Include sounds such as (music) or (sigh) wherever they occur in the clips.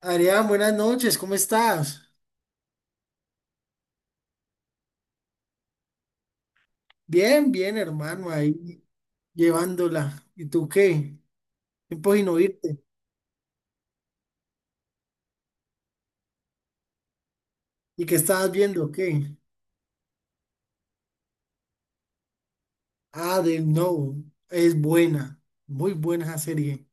Adrián, buenas noches, ¿cómo estás? Bien, hermano, ahí llevándola. ¿Y tú qué? Tiempo sin oírte. ¿Y qué estabas viendo? ¿Qué? Ah, de No, es buena, muy buena esa serie.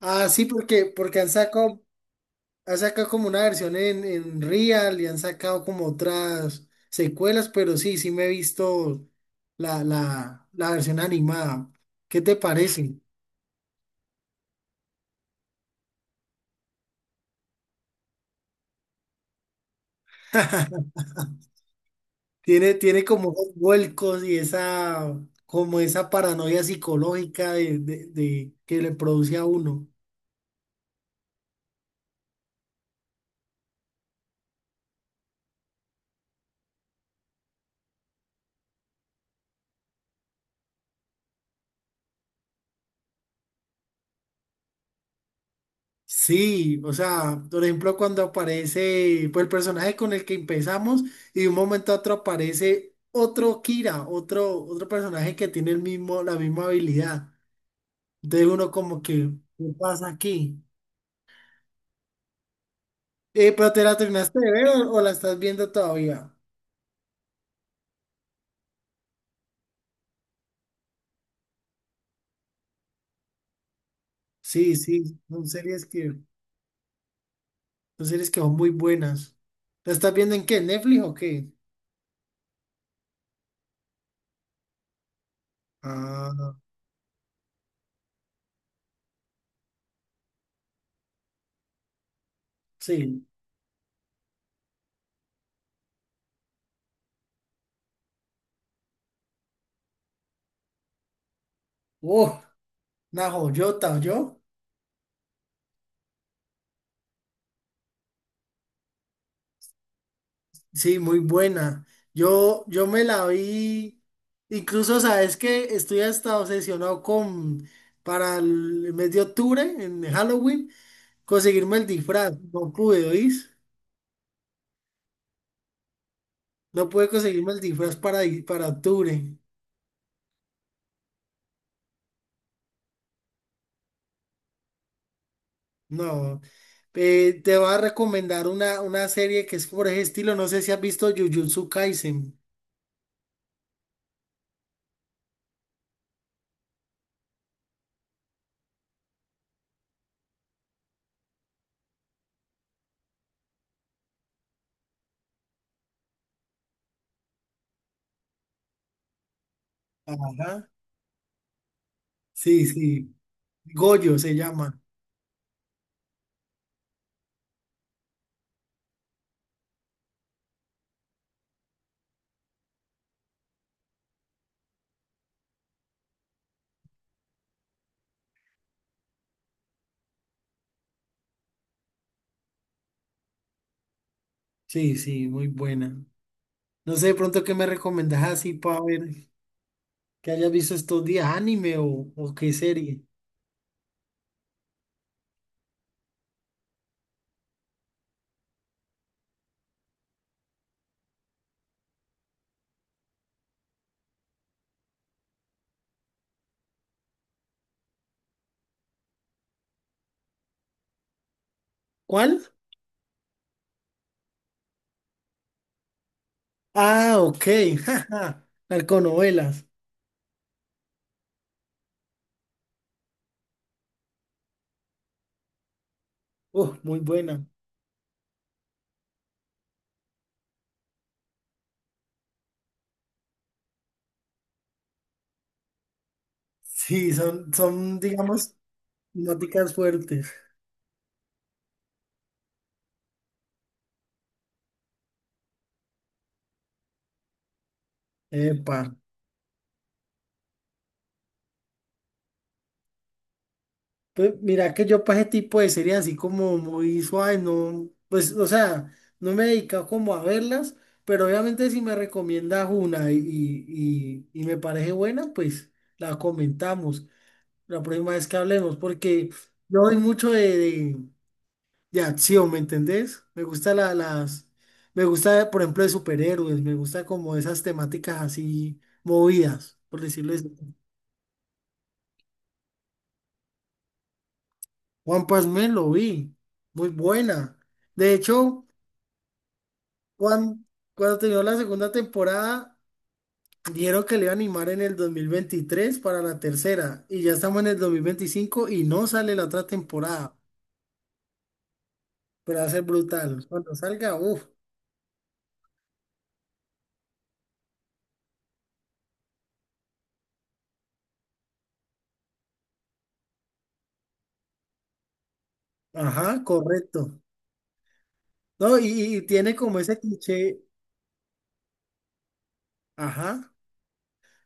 Ah, sí, porque han sacado como una versión en Real y han sacado como otras secuelas, pero sí, sí me he visto la versión animada. ¿Qué te parece? Tiene como esos vuelcos y esa, como esa paranoia psicológica que le produce a uno. Sí, o sea, por ejemplo, cuando aparece, pues el personaje con el que empezamos y de un momento a otro aparece otro Kira, otro, otro personaje que tiene el mismo, la misma habilidad. Entonces uno como que, ¿qué pasa aquí? ¿Pero te la terminaste de ver o la estás viendo todavía? Sí, sí, son series que... Son series que son muy buenas. ¿La estás viendo en qué? ¿Netflix o qué? Ah, sí. Uh, una joyota, ¿yo? Sí, muy buena. Yo me la vi. Incluso, sabes que estoy hasta obsesionado con para el mes de octubre, en Halloween, conseguirme el disfraz. No pude, ¿oís? No pude conseguirme el disfraz para, para octubre. No. Te voy a recomendar una serie que es por ese estilo. No sé si has visto Jujutsu Kaisen. Ajá. Sí, sí. Goyo se llama. Sí, sí, muy buena. No sé de pronto qué me recomendás así para ver que hayas visto estos días, anime o qué serie. ¿Cuál? Ah, ok. (laughs) jaja, Narconovelas. Muy buena. Sí, son, digamos, temáticas fuertes. Epa. Pues mira que yo para ese tipo de series así como muy suave, no, pues, o sea, no me he dedicado como a verlas, pero obviamente si me recomiendas una y me parece buena, pues la comentamos la próxima vez que hablemos, porque yo doy mucho de acción, ¿me entendés? Me gusta la, las, me gusta, por ejemplo, de superhéroes, me gusta como esas temáticas así movidas, por decirlo así. Juan Pasmé lo vi, muy buena. De hecho. Cuando, cuando terminó la segunda temporada, dijeron que le iba a animar en el 2023 para la tercera. Y ya estamos en el 2025 y no sale la otra temporada. Pero va a ser brutal. Cuando salga, uff. Ajá, correcto. No, y tiene como ese cliché. Ajá.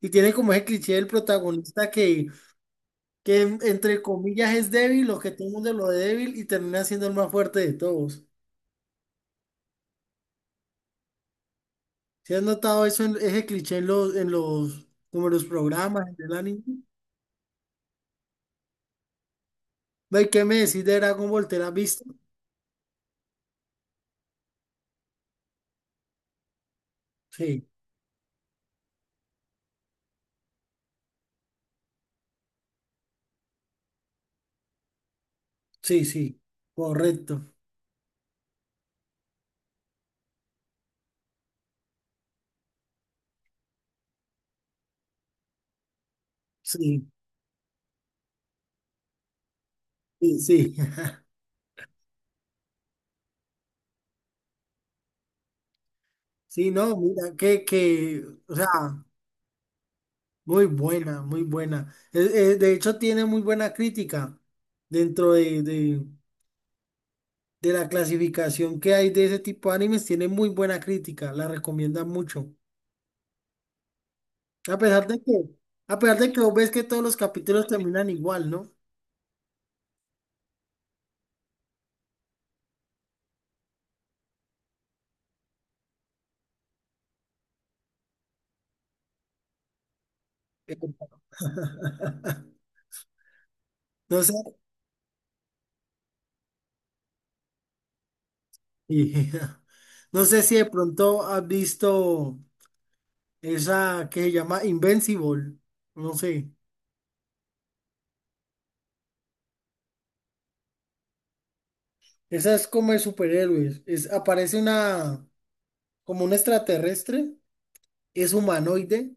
Y tiene como ese cliché del protagonista que entre comillas es débil, o que todo el mundo lo ve débil y termina siendo el más fuerte de todos. ¿Sí has notado eso ese cliché en como en los programas, en el anime? Ve, ¿qué me decís de Dragon Ball? ¿Te la has visto? Sí, sí, sí, correcto. Sí, sí, sí. (laughs) Sí, no, mira, o sea, muy buena, muy buena. De hecho, tiene muy buena crítica dentro de la clasificación que hay de ese tipo de animes, tiene muy buena crítica, la recomiendan mucho. A pesar de que, a pesar de que vos ves que todos los capítulos terminan igual, ¿no? (laughs) No sé. Y (laughs) no sé si de pronto has visto esa que se llama Invincible. No sé. Esa es como de superhéroes. Es, aparece una, como un extraterrestre, es humanoide.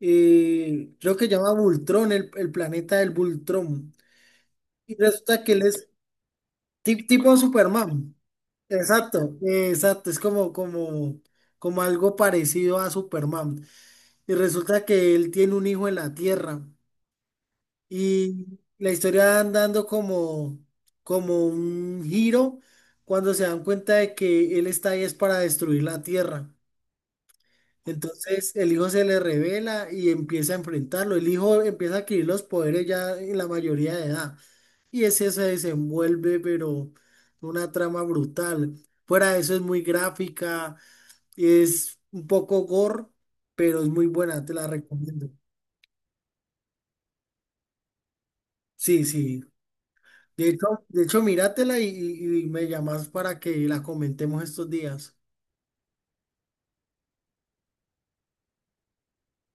Eh, creo que se llama Vultrón, el planeta del Vultrón. Y resulta que él es tipo Superman. Exacto, exacto. Es como algo parecido a Superman. Y resulta que él tiene un hijo en la Tierra. Y la historia va dando como, como un giro cuando se dan cuenta de que él está ahí es para destruir la tierra. Entonces el hijo se le revela y empieza a enfrentarlo. El hijo empieza a adquirir los poderes ya en la mayoría de edad. Y ese se desenvuelve, pero una trama brutal. Fuera de eso es muy gráfica, es un poco gore, pero es muy buena, te la recomiendo. Sí, sí. De hecho, míratela y me llamas para que la comentemos estos días.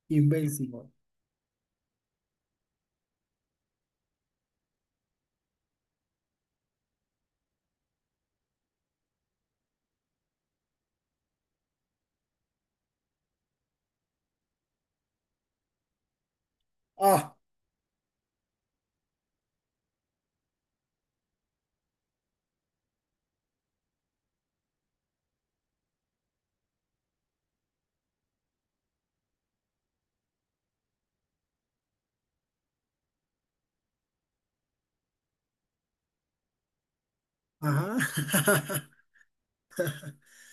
Invencible. Ah, ajá.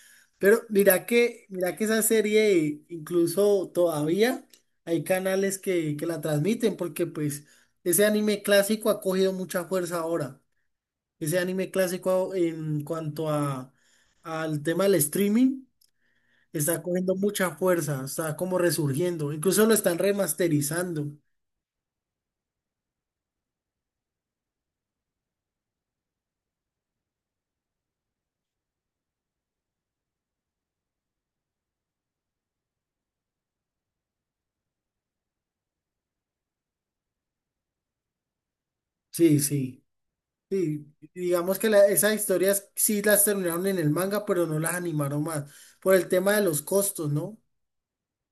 (laughs) Pero mira que esa serie, incluso todavía hay canales que la transmiten, porque pues ese anime clásico ha cogido mucha fuerza ahora. Ese anime clásico en cuanto a al tema del streaming está cogiendo mucha fuerza, está como resurgiendo. Incluso lo están remasterizando. Sí, sí. Sí, digamos que esas historias sí las terminaron en el manga, pero no las animaron más, por el tema de los costos, ¿no?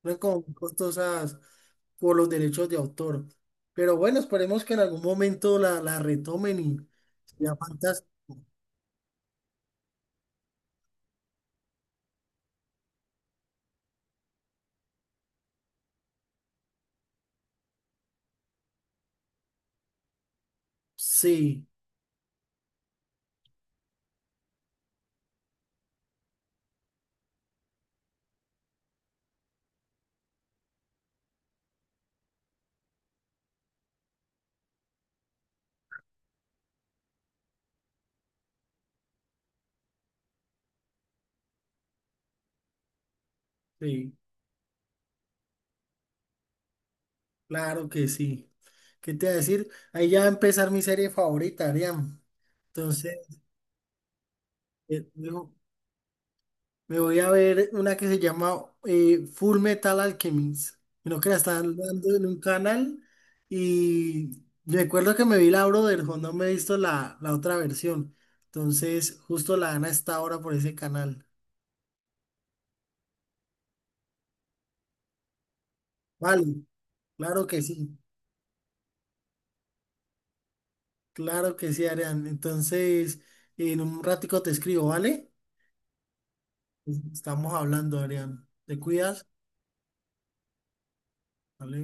No eran como muy costosas por los derechos de autor. Pero bueno, esperemos que en algún momento la retomen y sea fantástico. Sí, sí, claro que sí. ¿Qué te voy a decir? Ahí ya va a empezar mi serie favorita, Ariam. Entonces, eh, digo, me voy a ver una que se llama Full Metal Alchemist. Creo que la están dando en un canal y recuerdo que me vi la Brotherhood, no me he visto la otra versión. Entonces, justo la dan a esta hora por ese canal. Vale, claro que sí, claro que sí, Arián. Entonces, en un ratico te escribo, ¿vale? Estamos hablando, Arián. ¿Te cuidas? Vale.